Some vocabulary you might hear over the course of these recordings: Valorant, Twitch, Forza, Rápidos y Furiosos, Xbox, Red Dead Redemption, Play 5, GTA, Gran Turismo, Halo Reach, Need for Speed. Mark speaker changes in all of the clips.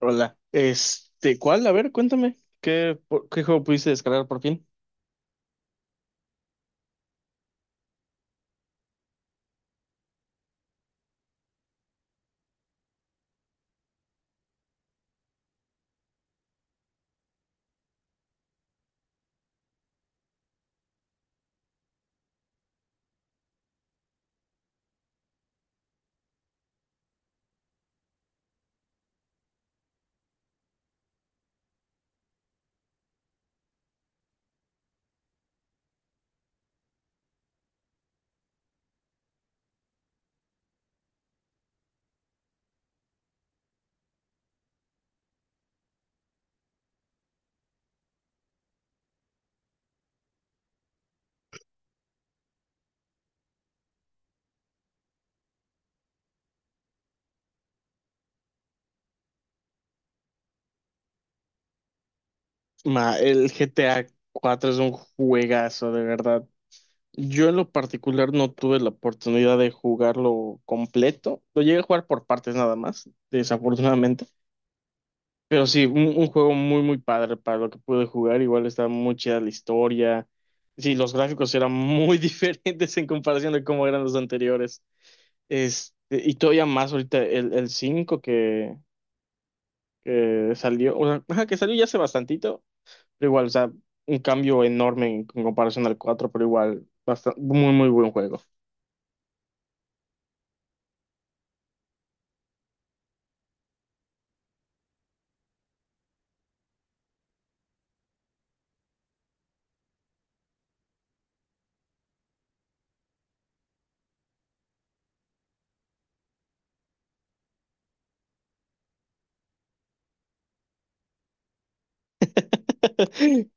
Speaker 1: Hola. ¿Cuál? A ver, cuéntame. ¿ Qué juego pudiste descargar por fin? Ma, el GTA cuatro es un juegazo, de verdad. Yo en lo particular no tuve la oportunidad de jugarlo completo. Lo llegué a jugar por partes nada más, desafortunadamente. Pero sí, un juego muy, muy padre para lo que pude jugar. Igual está muy chida la historia. Sí, los gráficos eran muy diferentes en comparación de cómo eran los anteriores. Este, y todavía más ahorita el 5 que salió, o sea, ajá, que salió ya hace bastantito, pero igual, o sea, un cambio enorme en comparación al cuatro, pero igual, bastante, muy, muy buen juego.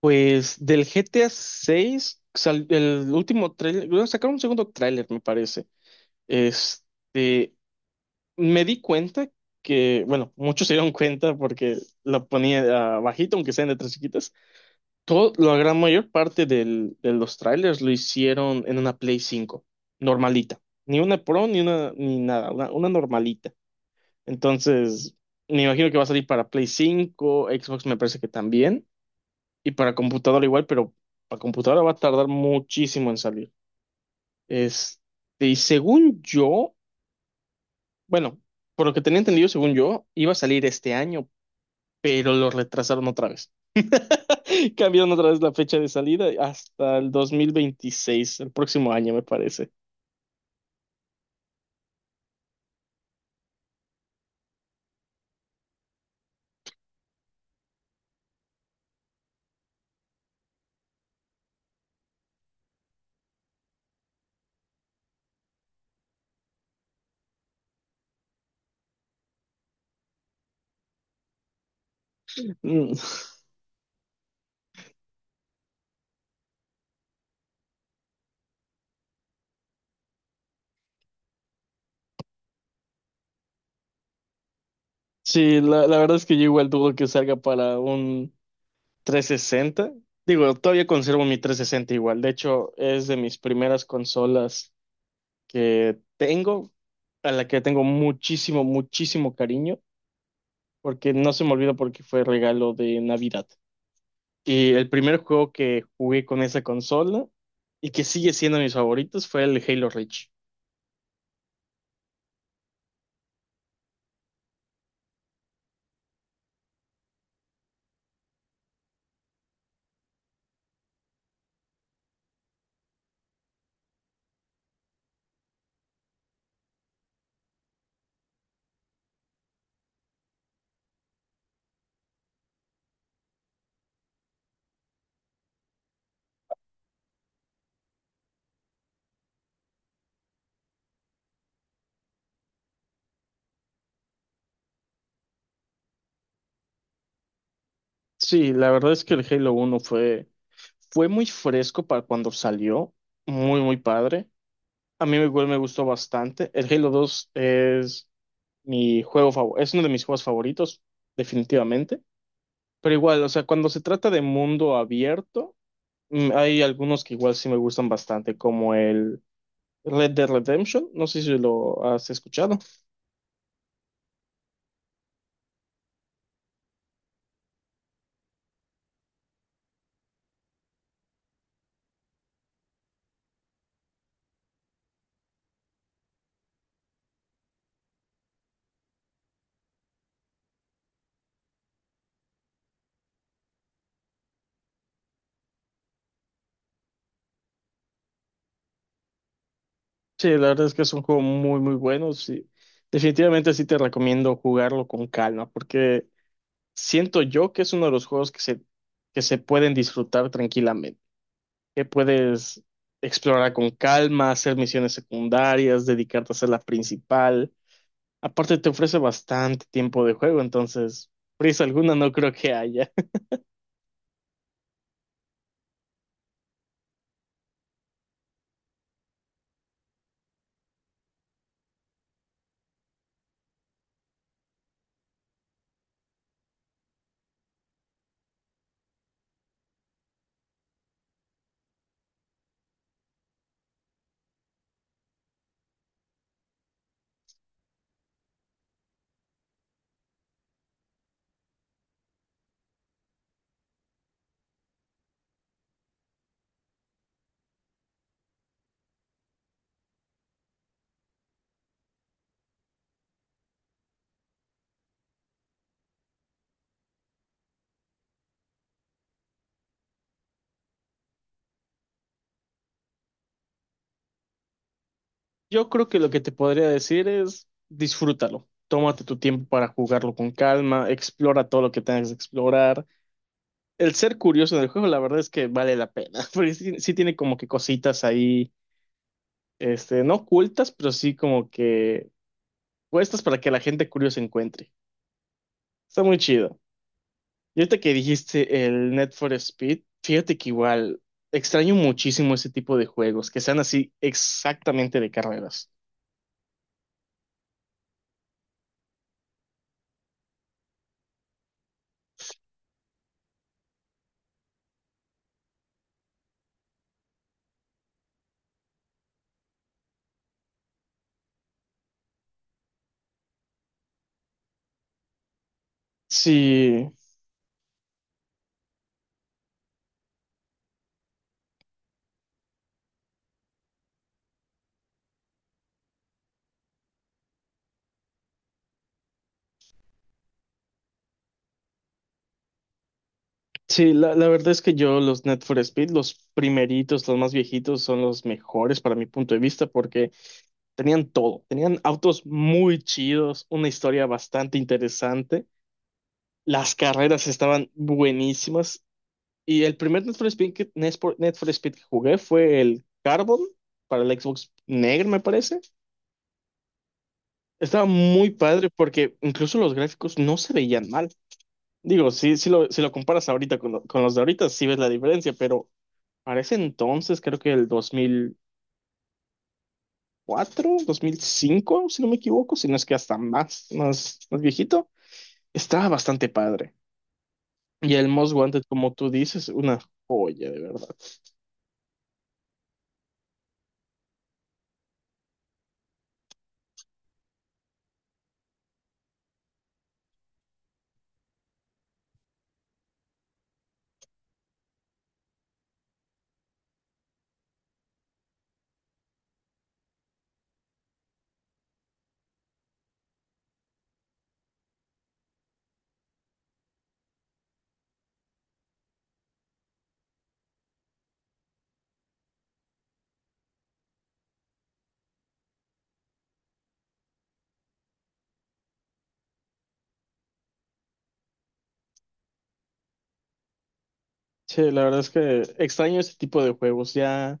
Speaker 1: Pues del GTA 6, el último trailer, bueno, sacaron un segundo tráiler, me parece. Este, Me di cuenta que, bueno, muchos se dieron cuenta porque lo ponía ah, bajito, aunque sean de tres chiquitas. Todo, la gran mayor parte de los trailers lo hicieron en una Play 5, normalita. Ni una Pro, ni una, ni nada, una normalita. Entonces, me imagino que va a salir para Play 5, Xbox me parece que también, y para computadora igual, pero para computadora va a tardar muchísimo en salir. Este, y según yo, bueno, por lo que tenía entendido, según yo, iba a salir este año, pero lo retrasaron otra vez. Cambiaron otra vez la fecha de salida hasta el 2026, el próximo año me parece. Mm. Sí, la verdad es que yo igual dudo que salga para un 360. Digo, todavía conservo mi 360 igual. De hecho, es de mis primeras consolas que tengo, a la que tengo muchísimo, muchísimo cariño, porque no se me olvida porque fue regalo de Navidad. Y el primer juego que jugué con esa consola y que sigue siendo mis favoritos fue el Halo Reach. Sí, la verdad es que el Halo uno fue, fue muy fresco para cuando salió, muy, muy padre. A mí igual me gustó bastante. El Halo 2 es mi juego favorito, es uno de mis juegos favoritos, definitivamente. Pero igual, o sea, cuando se trata de mundo abierto, mm, hay algunos que igual sí me gustan bastante, como el Red Dead Redemption. No sé si lo has escuchado. Sí, la verdad es que es un juego muy, muy bueno. Sí. Definitivamente sí te recomiendo jugarlo con calma, porque... Siento yo que es uno de los juegos que se pueden disfrutar tranquilamente, que puedes explorar con calma, hacer misiones secundarias, dedicarte a hacer la principal. Aparte te ofrece bastante tiempo de juego, entonces prisa alguna no creo que haya. Yo creo que lo que te podría decir es disfrútalo, tómate tu tiempo para jugarlo con calma, explora todo lo que tengas que explorar. El ser curioso en el juego, la verdad es que vale la pena, porque sí, sí tiene como que cositas ahí, no ocultas, pero sí como que puestas para que la gente curiosa encuentre. Está muy chido. Y ahorita que dijiste el Net for Speed, fíjate que igual extraño muchísimo ese tipo de juegos, que sean así exactamente de carreras. Sí, sí, la verdad es que yo los Net for Speed, los primeritos, los más viejitos, son los mejores para mi punto de vista porque tenían todo. Tenían autos muy chidos, una historia bastante interesante. Las carreras estaban buenísimas. Y el primer Need for Speed Need for Speed que jugué fue el Carbon para el Xbox Negro, me parece. Estaba muy padre porque incluso los gráficos no se veían mal. Digo, sí, si lo comparas ahorita con, con los de ahorita, sí ves la diferencia, pero para ese entonces, creo que el 2004, 2005, si no me equivoco, si no es que hasta más, más, más viejito, estaba bastante padre. Y el Most Wanted, como tú dices, una joya, de verdad. Che, la verdad es que extraño ese tipo de juegos. Ya.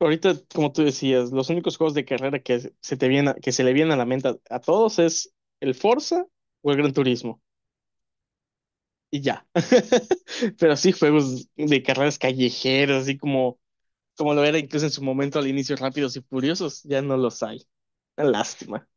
Speaker 1: Ahorita, como tú decías, los únicos juegos de carrera que se le vienen a la mente a todos es el Forza o el Gran Turismo. Y ya. Pero sí, juegos de carreras callejeras, así como, como lo era incluso en su momento al inicio, Rápidos y Furiosos, ya no los hay. Una lástima.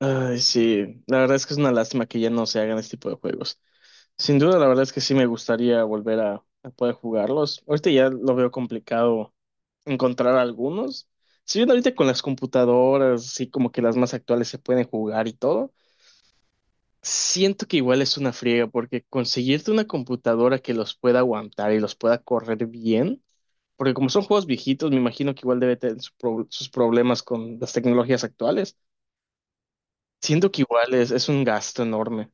Speaker 1: Ay, sí, la verdad es que es una lástima que ya no se hagan este tipo de juegos. Sin duda, la verdad es que sí me gustaría volver a poder jugarlos. Ahorita ya lo veo complicado encontrar algunos. Si bien ahorita con las computadoras, así como que las más actuales se pueden jugar y todo, siento que igual es una friega porque conseguirte una computadora que los pueda aguantar y los pueda correr bien, porque como son juegos viejitos, me imagino que igual debe tener su sus problemas con las tecnologías actuales. Siento que igual es un gasto enorme.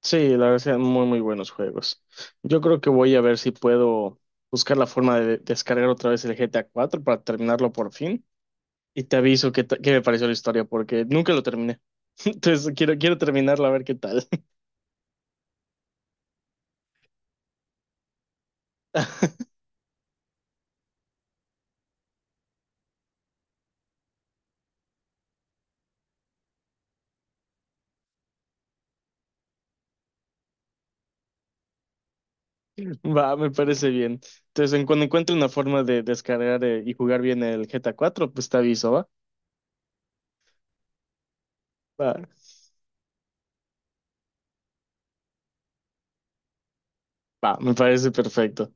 Speaker 1: Sí, la verdad, son muy, muy buenos juegos. Yo creo que voy a ver si puedo buscar la forma de descargar otra vez el GTA cuatro para terminarlo por fin. Y te aviso qué me pareció la historia, porque nunca lo terminé. Entonces quiero, quiero terminarla a ver qué tal. Va, me parece bien. Entonces, en cuando encuentre una forma de descargar y jugar bien el GTA cuatro, pues te aviso, ¿va? Va, me parece perfecto.